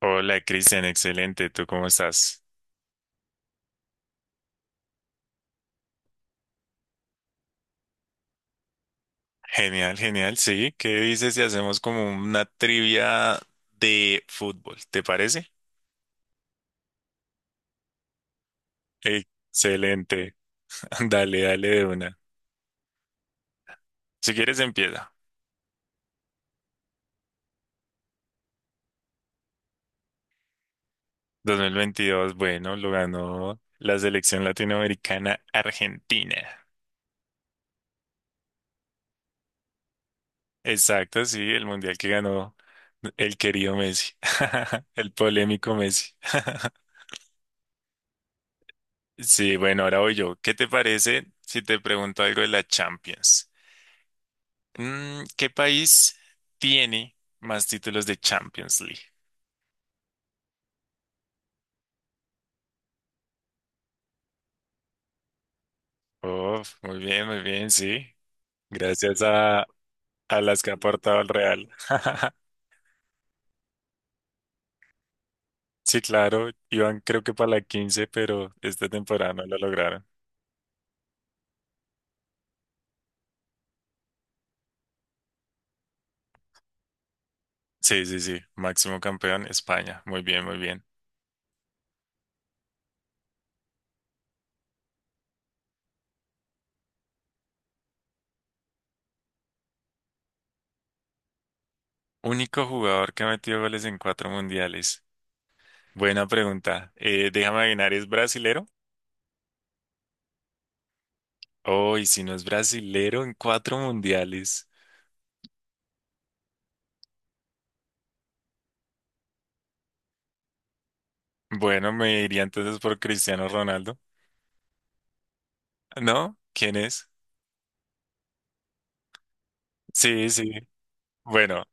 Hola, Cristian, excelente. ¿Tú cómo estás? Genial, genial. Sí, ¿qué dices si hacemos como una trivia de fútbol? ¿Te parece? Excelente. Dale, dale de una. Si quieres, empieza. 2022, bueno, lo ganó la selección latinoamericana Argentina. Exacto, sí, el mundial que ganó el querido Messi, el polémico Messi. Sí, bueno, ahora voy yo. ¿Qué te parece si te pregunto algo de la Champions? ¿Qué país tiene más títulos de Champions League? Oh, muy bien, sí. Gracias a las que ha aportado el Real. Sí, claro, iban creo que para la 15, pero esta temporada no lo lograron. Sí, sí, sí, máximo campeón España. Muy bien, muy bien. Único jugador que ha metido goles en cuatro mundiales. Buena pregunta. Déjame adivinar, ¿es brasilero? Oh, ¿y si no es brasilero en cuatro mundiales? Bueno, me iría entonces por Cristiano Ronaldo. ¿No? ¿Quién es? Sí, sí. Bueno,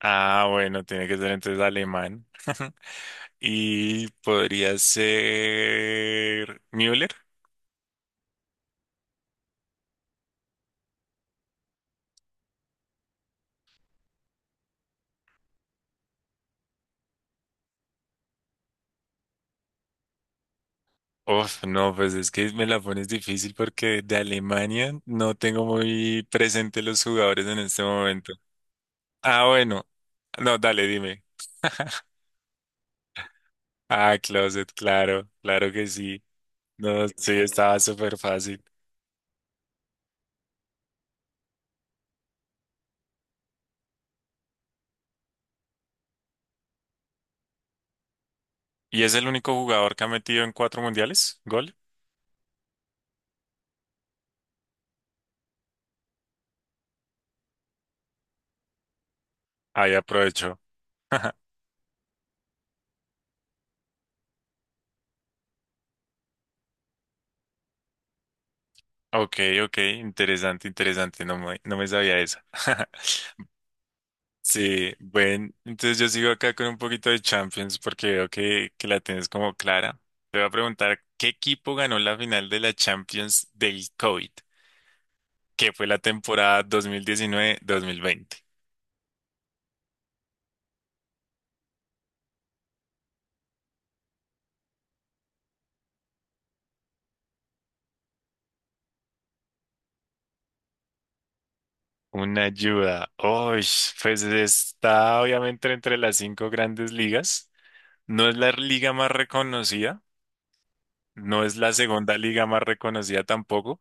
ah, bueno, tiene que ser entonces alemán. Y podría ser Müller. Uf, no, pues es que me la pones difícil porque de Alemania no tengo muy presente los jugadores en este momento. Ah, bueno. No, dale, dime. Ah, Closet, claro, claro que sí. No, sí, estaba súper fácil. ¿Y es el único jugador que ha metido en cuatro mundiales? ¿Gol? Ahí aprovecho. Ok, ok, interesante, interesante, no me sabía eso. Sí, bueno, entonces yo sigo acá con un poquito de Champions porque veo que la tienes como clara. Te voy a preguntar, ¿qué equipo ganó la final de la Champions del COVID? Que fue la temporada dos mil diecinueve mil veinte. Una ayuda. Uy, pues está obviamente entre las cinco grandes ligas. No es la liga más reconocida, no es la segunda liga más reconocida tampoco.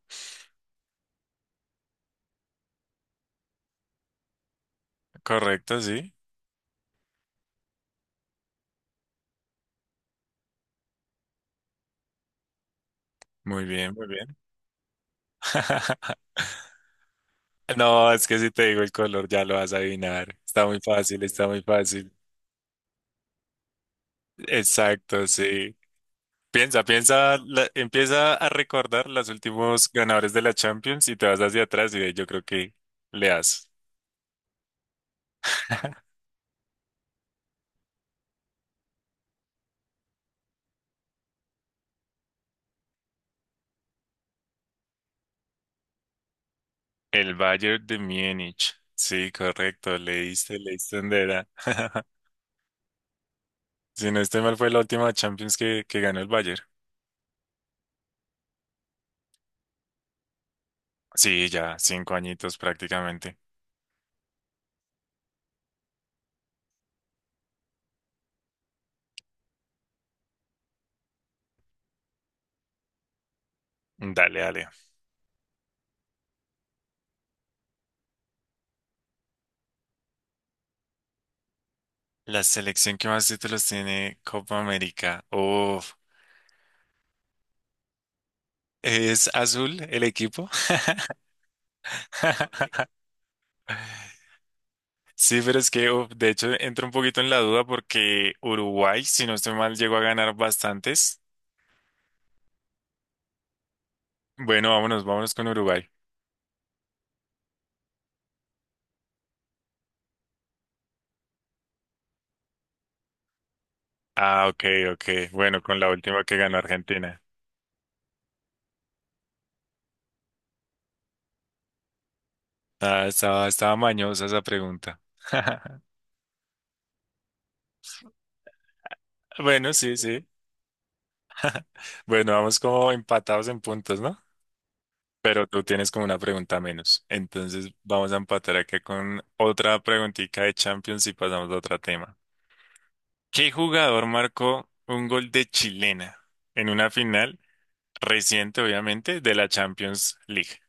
Correcto, sí. Muy bien, muy bien. No, es que si te digo el color ya lo vas a adivinar. Está muy fácil, está muy fácil. Exacto, sí. Piensa, piensa, empieza a recordar los últimos ganadores de la Champions y te vas hacia atrás y yo creo que le das. El Bayern de Múnich. Sí, correcto, leíste, leíste donde era. Si no estoy mal, fue la última Champions que ganó el Bayern. Sí, ya, cinco añitos prácticamente. Dale, dale. La selección que más títulos tiene Copa América. Uf. ¿Es azul el equipo? Sí, pero es que, uf, de hecho, entro un poquito en la duda porque Uruguay, si no estoy mal, llegó a ganar bastantes. Bueno, vámonos, vámonos con Uruguay. Ah, ok, ok. Bueno, con la última que ganó Argentina. Ah, estaba, estaba mañosa esa pregunta. Bueno, sí, sí. Bueno, vamos como empatados en puntos, ¿no? Pero tú tienes como una pregunta menos. Entonces vamos a empatar acá con otra preguntita de Champions y pasamos a otro tema. ¿Qué jugador marcó un gol de chilena en una final reciente, obviamente, de la Champions League?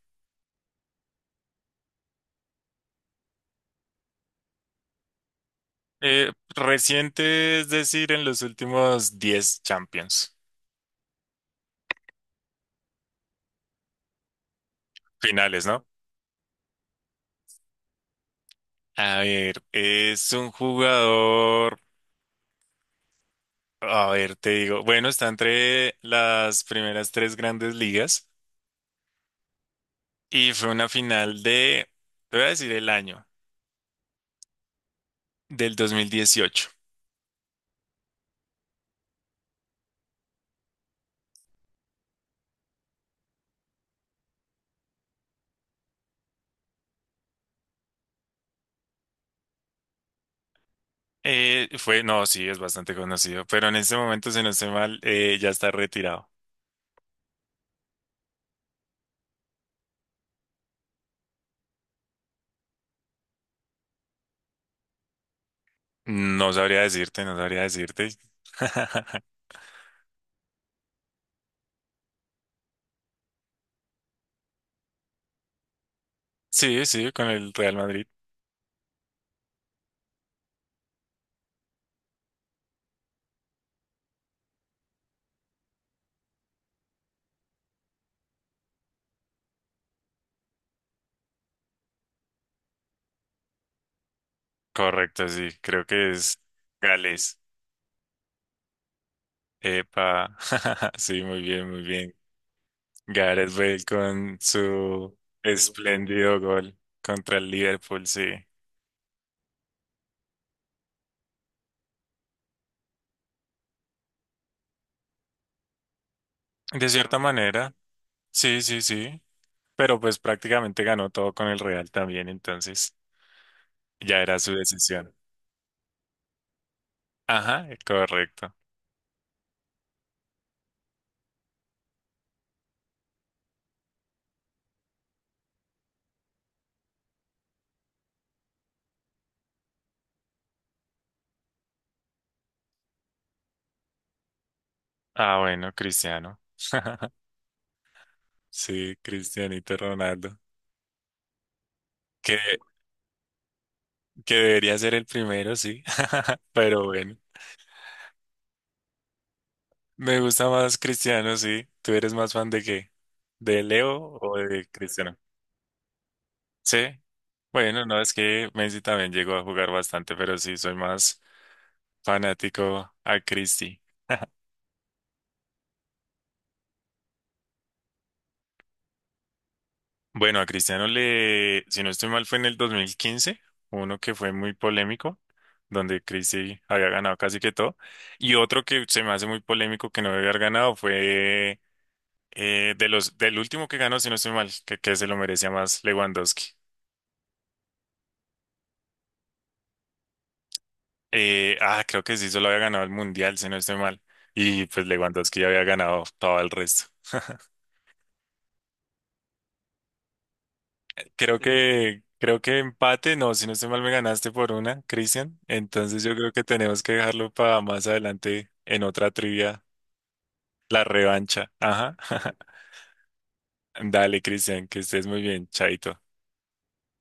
Reciente, es decir, en los últimos 10 Champions finales, ¿no? A ver, es un jugador, a ver, te digo, bueno, está entre las primeras tres grandes ligas. Y fue una final te voy a decir el año, del 2018. Fue, no, sí, es bastante conocido, pero en este momento, si no estoy mal, ya está retirado. No sabría decirte, no sabría decirte. Sí, sí, con el Real Madrid. Correcto, sí, creo que es Gales. Epa, sí, muy bien, muy bien. Gareth Bale con su espléndido gol contra el Liverpool, sí. De cierta manera, sí, sí, sí. Pero pues prácticamente ganó todo con el Real también, entonces ya era su decisión. Ajá, correcto. Ah, bueno, Cristiano. Sí, Cristianito Ronaldo. Que, que debería ser el primero, sí. Pero bueno, me gusta más Cristiano, sí. ¿Tú eres más fan de qué? ¿De Leo o de Cristiano? Sí. Bueno, no, es que Messi también llegó a jugar bastante, pero sí, soy más fanático a Cristi. Bueno, a Cristiano le, si no estoy mal, fue en el 2015, uno que fue muy polémico, donde Cristi había ganado casi que todo, y otro que se me hace muy polémico que no debe haber ganado fue del último que ganó, si no estoy mal, que se lo merecía más Lewandowski. Creo que sí, solo había ganado el Mundial, si no estoy mal, y pues Lewandowski ya había ganado todo el resto. Creo que empate, no, si no estoy mal me ganaste por una, Cristian. Entonces yo creo que tenemos que dejarlo para más adelante en otra trivia, la revancha. Ajá. Dale, Cristian, que estés muy bien, chaito.